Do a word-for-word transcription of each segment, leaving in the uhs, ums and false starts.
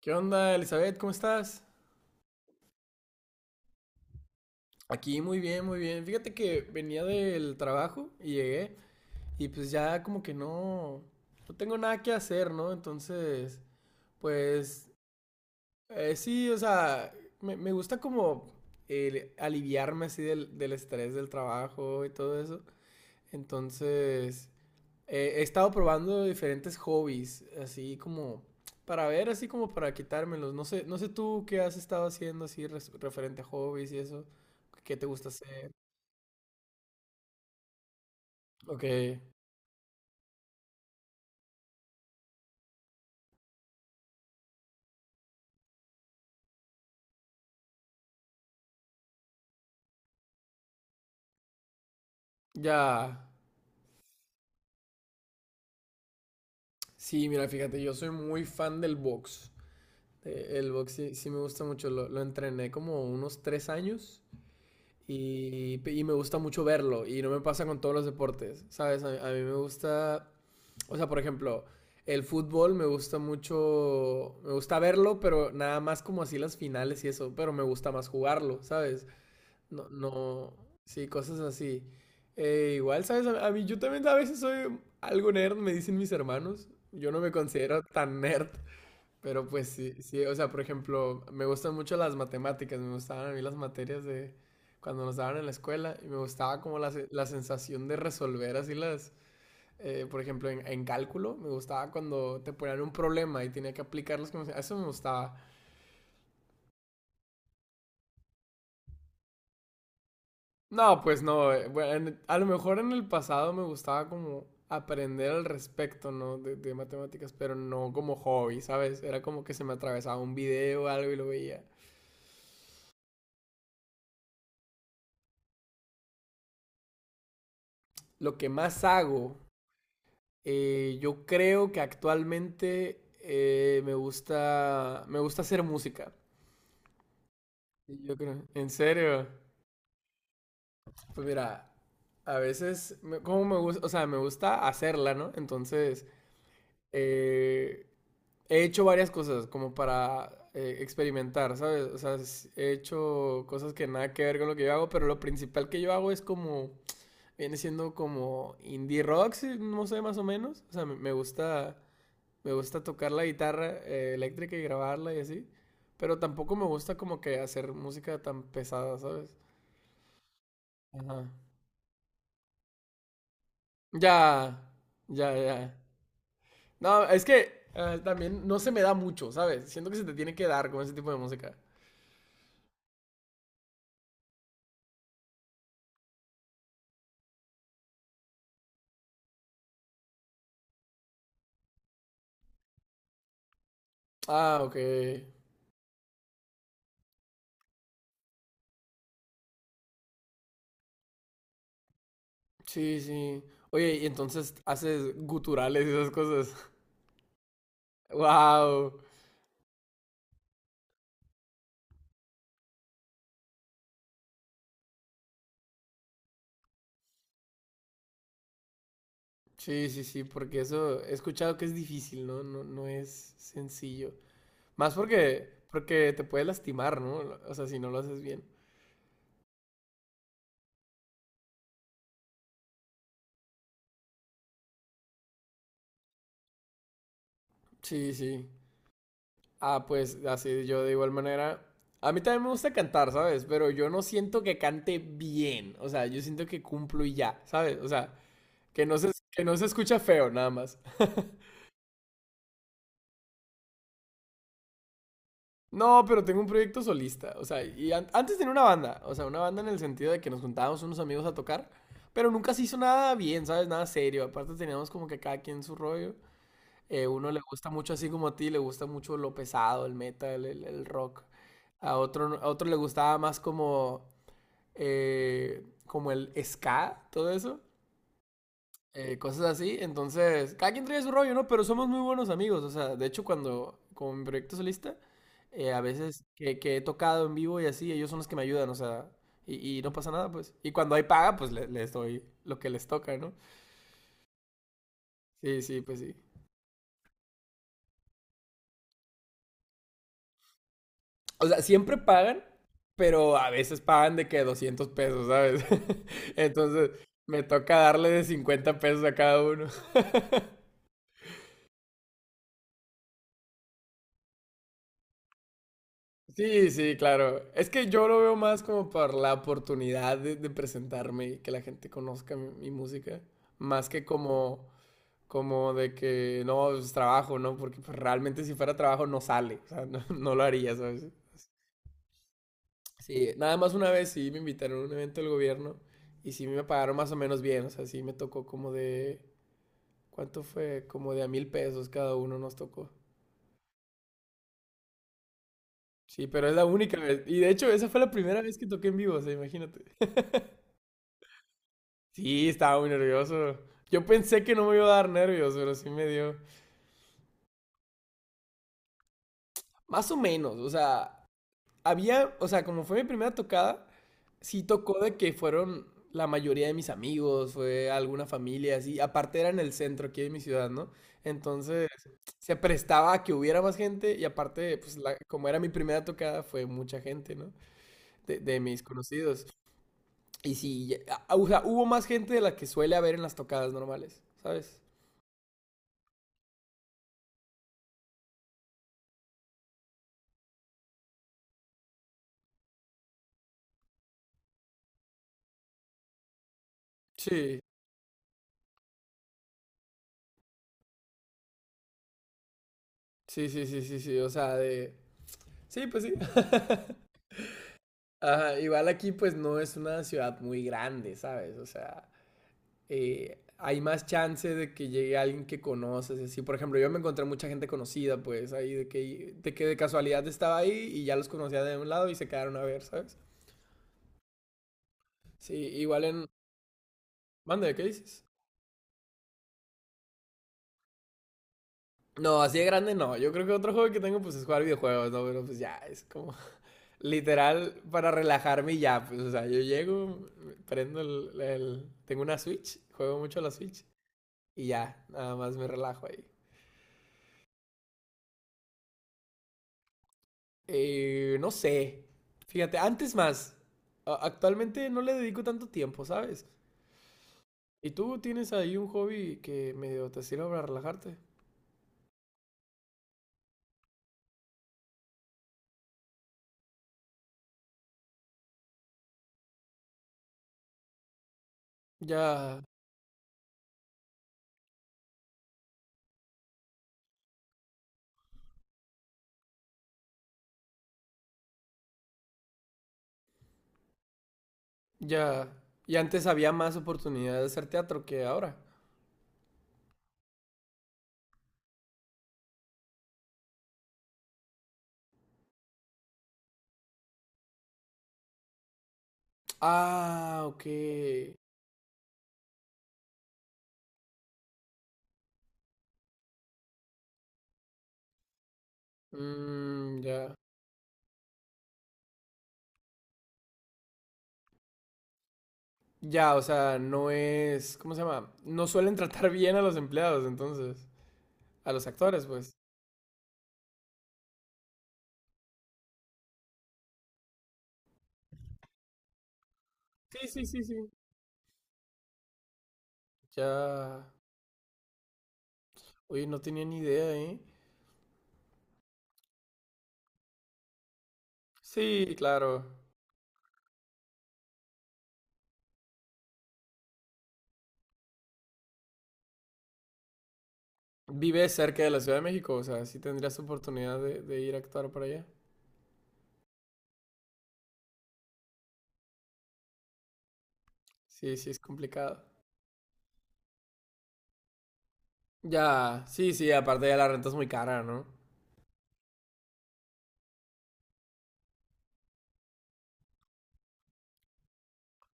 ¿Qué onda, Elizabeth? ¿Cómo estás? Aquí muy bien, muy bien. Fíjate que venía del trabajo y llegué y pues ya como que no, no tengo nada que hacer, ¿no? Entonces, pues eh, sí, o sea, me, me gusta como el aliviarme así del, del estrés del trabajo y todo eso. Entonces, eh, he estado probando diferentes hobbies, así como para ver, así como para quitármelos. No sé, no sé tú qué has estado haciendo así res- referente a hobbies y eso. ¿Qué te gusta hacer? Ok, ya. Sí, mira, fíjate, yo soy muy fan del box. Eh, El box sí, sí me gusta mucho. Lo, lo entrené como unos tres años. Y, y me gusta mucho verlo. Y no me pasa con todos los deportes, ¿sabes? A, a mí me gusta, o sea, por ejemplo, el fútbol me gusta mucho, me gusta verlo, pero nada más como así las finales y eso, pero me gusta más jugarlo, ¿sabes? No, no, sí, cosas así. Eh, igual, ¿sabes? A, a mí yo también a veces soy algo nerd, me dicen mis hermanos. Yo no me considero tan nerd. Pero pues sí, sí, o sea, por ejemplo, me gustan mucho las matemáticas, me gustaban a mí las materias de cuando nos daban en la escuela y me gustaba como la, se- la sensación de resolver así las, eh, por ejemplo, en, en cálculo, me gustaba cuando te ponían un problema y tenía que aplicarlos como, eso me gustaba. No, pues no, eh, bueno, en- a lo mejor en el pasado me gustaba como aprender al respecto, ¿no? De, de matemáticas, pero no como hobby, ¿sabes? Era como que se me atravesaba un video o algo y lo veía. Lo que más hago. Eh, yo creo que actualmente eh, me gusta, me gusta hacer música. Y yo creo, en serio. Pues mira, a veces, me- como me gusta, o sea, me gusta hacerla, ¿no? Entonces, eh, he hecho varias cosas como para eh, experimentar, ¿sabes? O sea, s- he hecho cosas que nada que ver con lo que yo hago, pero lo principal que yo hago es como, viene siendo como indie rock, sí, no sé, más o menos. O sea, me me gusta. Me gusta tocar la guitarra eh, eléctrica y grabarla y así. Pero tampoco me gusta como que hacer música tan pesada, ¿sabes? Ajá. Ya, ya, ya. No, es que eh, también no se me da mucho, ¿sabes? Siento que se te tiene que dar con ese tipo de música. Ah, ok. Sí, sí. Oye, y entonces haces guturales y esas cosas. Wow. Sí, sí, sí, porque eso he escuchado que es difícil, ¿no? No, no es sencillo. Más porque, porque te puedes lastimar, ¿no? O sea, si no lo haces bien. Sí, sí. Ah, pues así yo de igual manera. A mí también me gusta cantar, ¿sabes? Pero yo no siento que cante bien. O sea, yo siento que cumplo y ya, ¿sabes? O sea, que no se, que no se escucha feo, nada más. No, pero tengo un proyecto solista. O sea, y an- antes tenía una banda. O sea, una banda en el sentido de que nos juntábamos unos amigos a tocar. Pero nunca se hizo nada bien, ¿sabes? Nada serio. Aparte teníamos como que cada quien su rollo. Eh, uno le gusta mucho así como a ti, le gusta mucho lo pesado, el metal, el, el rock. A otro, no- a otro le gustaba más como, eh, como el ska, todo eso. eh, cosas así. Entonces, cada quien trae su rollo, ¿no? Pero somos muy buenos amigos. O sea, de hecho, cuando, con mi proyecto solista, eh, a veces que, que he tocado en vivo y así, ellos son los que me ayudan, o sea, y, y no pasa nada, pues. Y cuando hay paga, pues le- les doy lo que les toca, ¿no? Sí, sí, pues sí. O sea, siempre pagan, pero a veces pagan de que doscientos pesos, ¿sabes? Entonces, me toca darle de cincuenta pesos a cada uno. Sí, sí, claro. Es que yo lo veo más como por la oportunidad de, de presentarme y que la gente conozca mi, mi música, más que como, como de que no, es trabajo, ¿no? Porque pues, realmente si fuera trabajo no sale, o sea, no, no lo haría, ¿sabes? Sí, nada más una vez sí me invitaron a un evento del gobierno y sí me pagaron más o menos bien, o sea, sí me tocó como de, ¿cuánto fue? Como de a mil pesos cada uno nos tocó. Sí, pero es la única vez. Y de hecho, esa fue la primera vez que toqué en vivo, o sea, imagínate. Sí, estaba muy nervioso. Yo pensé que no me iba a dar nervios, pero sí me dio. Más o menos, o sea, había, o sea, como fue mi primera tocada, sí tocó de que fueron la mayoría de mis amigos, fue alguna familia, así. Aparte era en el centro aquí de mi ciudad, ¿no? Entonces se prestaba a que hubiera más gente y aparte, pues la- como era mi primera tocada, fue mucha gente, ¿no? De, de mis conocidos. Y sí, ya- a- o sea, hubo más gente de la que suele haber en las tocadas normales, ¿sabes? Sí, sí, sí, sí, sí, sí, o sea, de… Sí, pues sí. Ajá, igual aquí pues no es una ciudad muy grande, ¿sabes? O sea… eh, hay más chance de que llegue alguien que conoces. Así, por ejemplo, yo me encontré mucha gente conocida, pues, ahí de que, de que de casualidad estaba ahí y ya los conocía de un lado y se quedaron a ver, ¿sabes? Sí, igual en… Mande, ¿qué dices? No, así de grande no. Yo creo que otro juego que tengo pues es jugar videojuegos, ¿no? Pero pues ya, es como literal para relajarme y ya, pues, o sea, yo llego, prendo el... el... Tengo una Switch, juego mucho a la Switch y ya, nada más me relajo ahí. Eh, no sé. Fíjate, antes más. A- actualmente no le dedico tanto tiempo, ¿sabes? ¿Y tú tienes ahí un hobby que medio te sirve para relajarte? Ya, ya. Y antes había más oportunidad de hacer teatro que ahora. Ah, ok. Mm, ya. Ya, o sea, no es, ¿cómo se llama? No suelen tratar bien a los empleados, entonces, a los actores, pues. Sí, sí, sí, sí. Ya. Oye, no tenía ni idea, ¿eh? Sí, claro. ¿Vive cerca de la Ciudad de México? O sea, sí tendrías oportunidad de, de ir a actuar para allá. Sí, sí, es complicado. Ya, sí, sí, aparte ya la renta es muy cara, ¿no?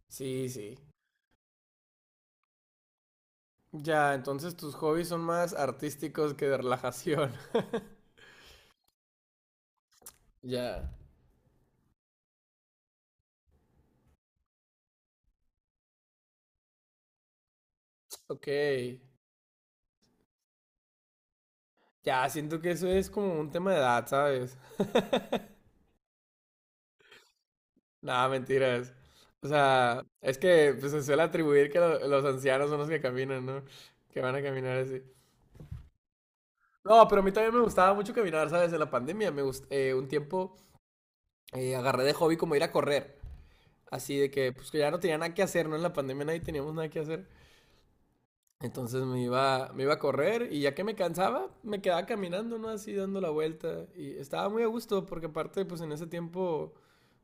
Sí, sí. Ya, entonces tus hobbies son más artísticos que de relajación. Ya, ok. Ya, siento que eso es como un tema de edad, ¿sabes? Nada, mentiras. O sea, es que pues, se suele atribuir que lo- los ancianos son los que caminan, ¿no? Que van a caminar así. No, pero a mí también me gustaba mucho caminar, ¿sabes? En la pandemia me gust- eh, un tiempo eh, agarré de hobby como ir a correr. Así de que, pues que ya no tenía nada que hacer, ¿no? En la pandemia nadie teníamos nada que hacer. Entonces me iba, me iba a correr y ya que me cansaba, me quedaba caminando, ¿no? Así dando la vuelta. Y estaba muy a gusto porque aparte, pues en ese tiempo,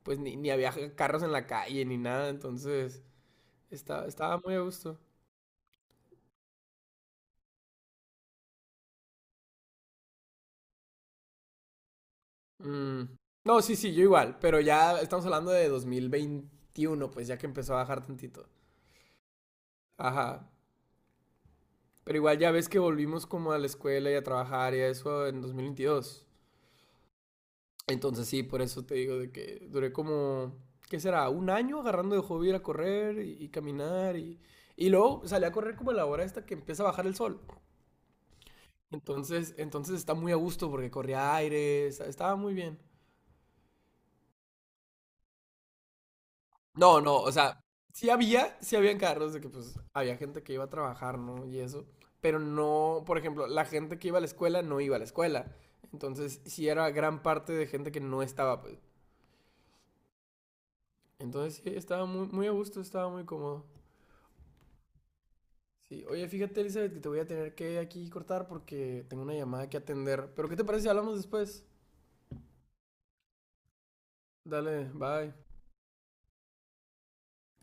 pues ni, ni había carros en la calle ni nada. Entonces estaba, estaba muy a gusto. Mm. No, sí, sí, yo igual. Pero ya estamos hablando de dos mil veintiuno, pues ya que empezó a bajar tantito. Ajá. Pero igual ya ves que volvimos como a la escuela y a trabajar y a eso en dos mil veintidós. Entonces sí, por eso te digo de que duré como, ¿qué será? Un año agarrando de hobby ir a correr y, y caminar y… Y luego salí a correr como a la hora esta que empieza a bajar el sol. Entonces, entonces está muy a gusto porque corría aire, está- estaba muy bien. No, no, o sea, sí había, sí habían carros de que pues había gente que iba a trabajar, ¿no? Y eso, pero no, por ejemplo, la gente que iba a la escuela no iba a la escuela. Entonces, sí era gran parte de gente que no estaba, pues. Entonces, sí, estaba muy, muy a gusto, estaba muy cómodo. Sí, oye, fíjate, Elizabeth, que te voy a tener que aquí cortar porque tengo una llamada que atender. Pero, ¿qué te parece si hablamos después? Dale, bye.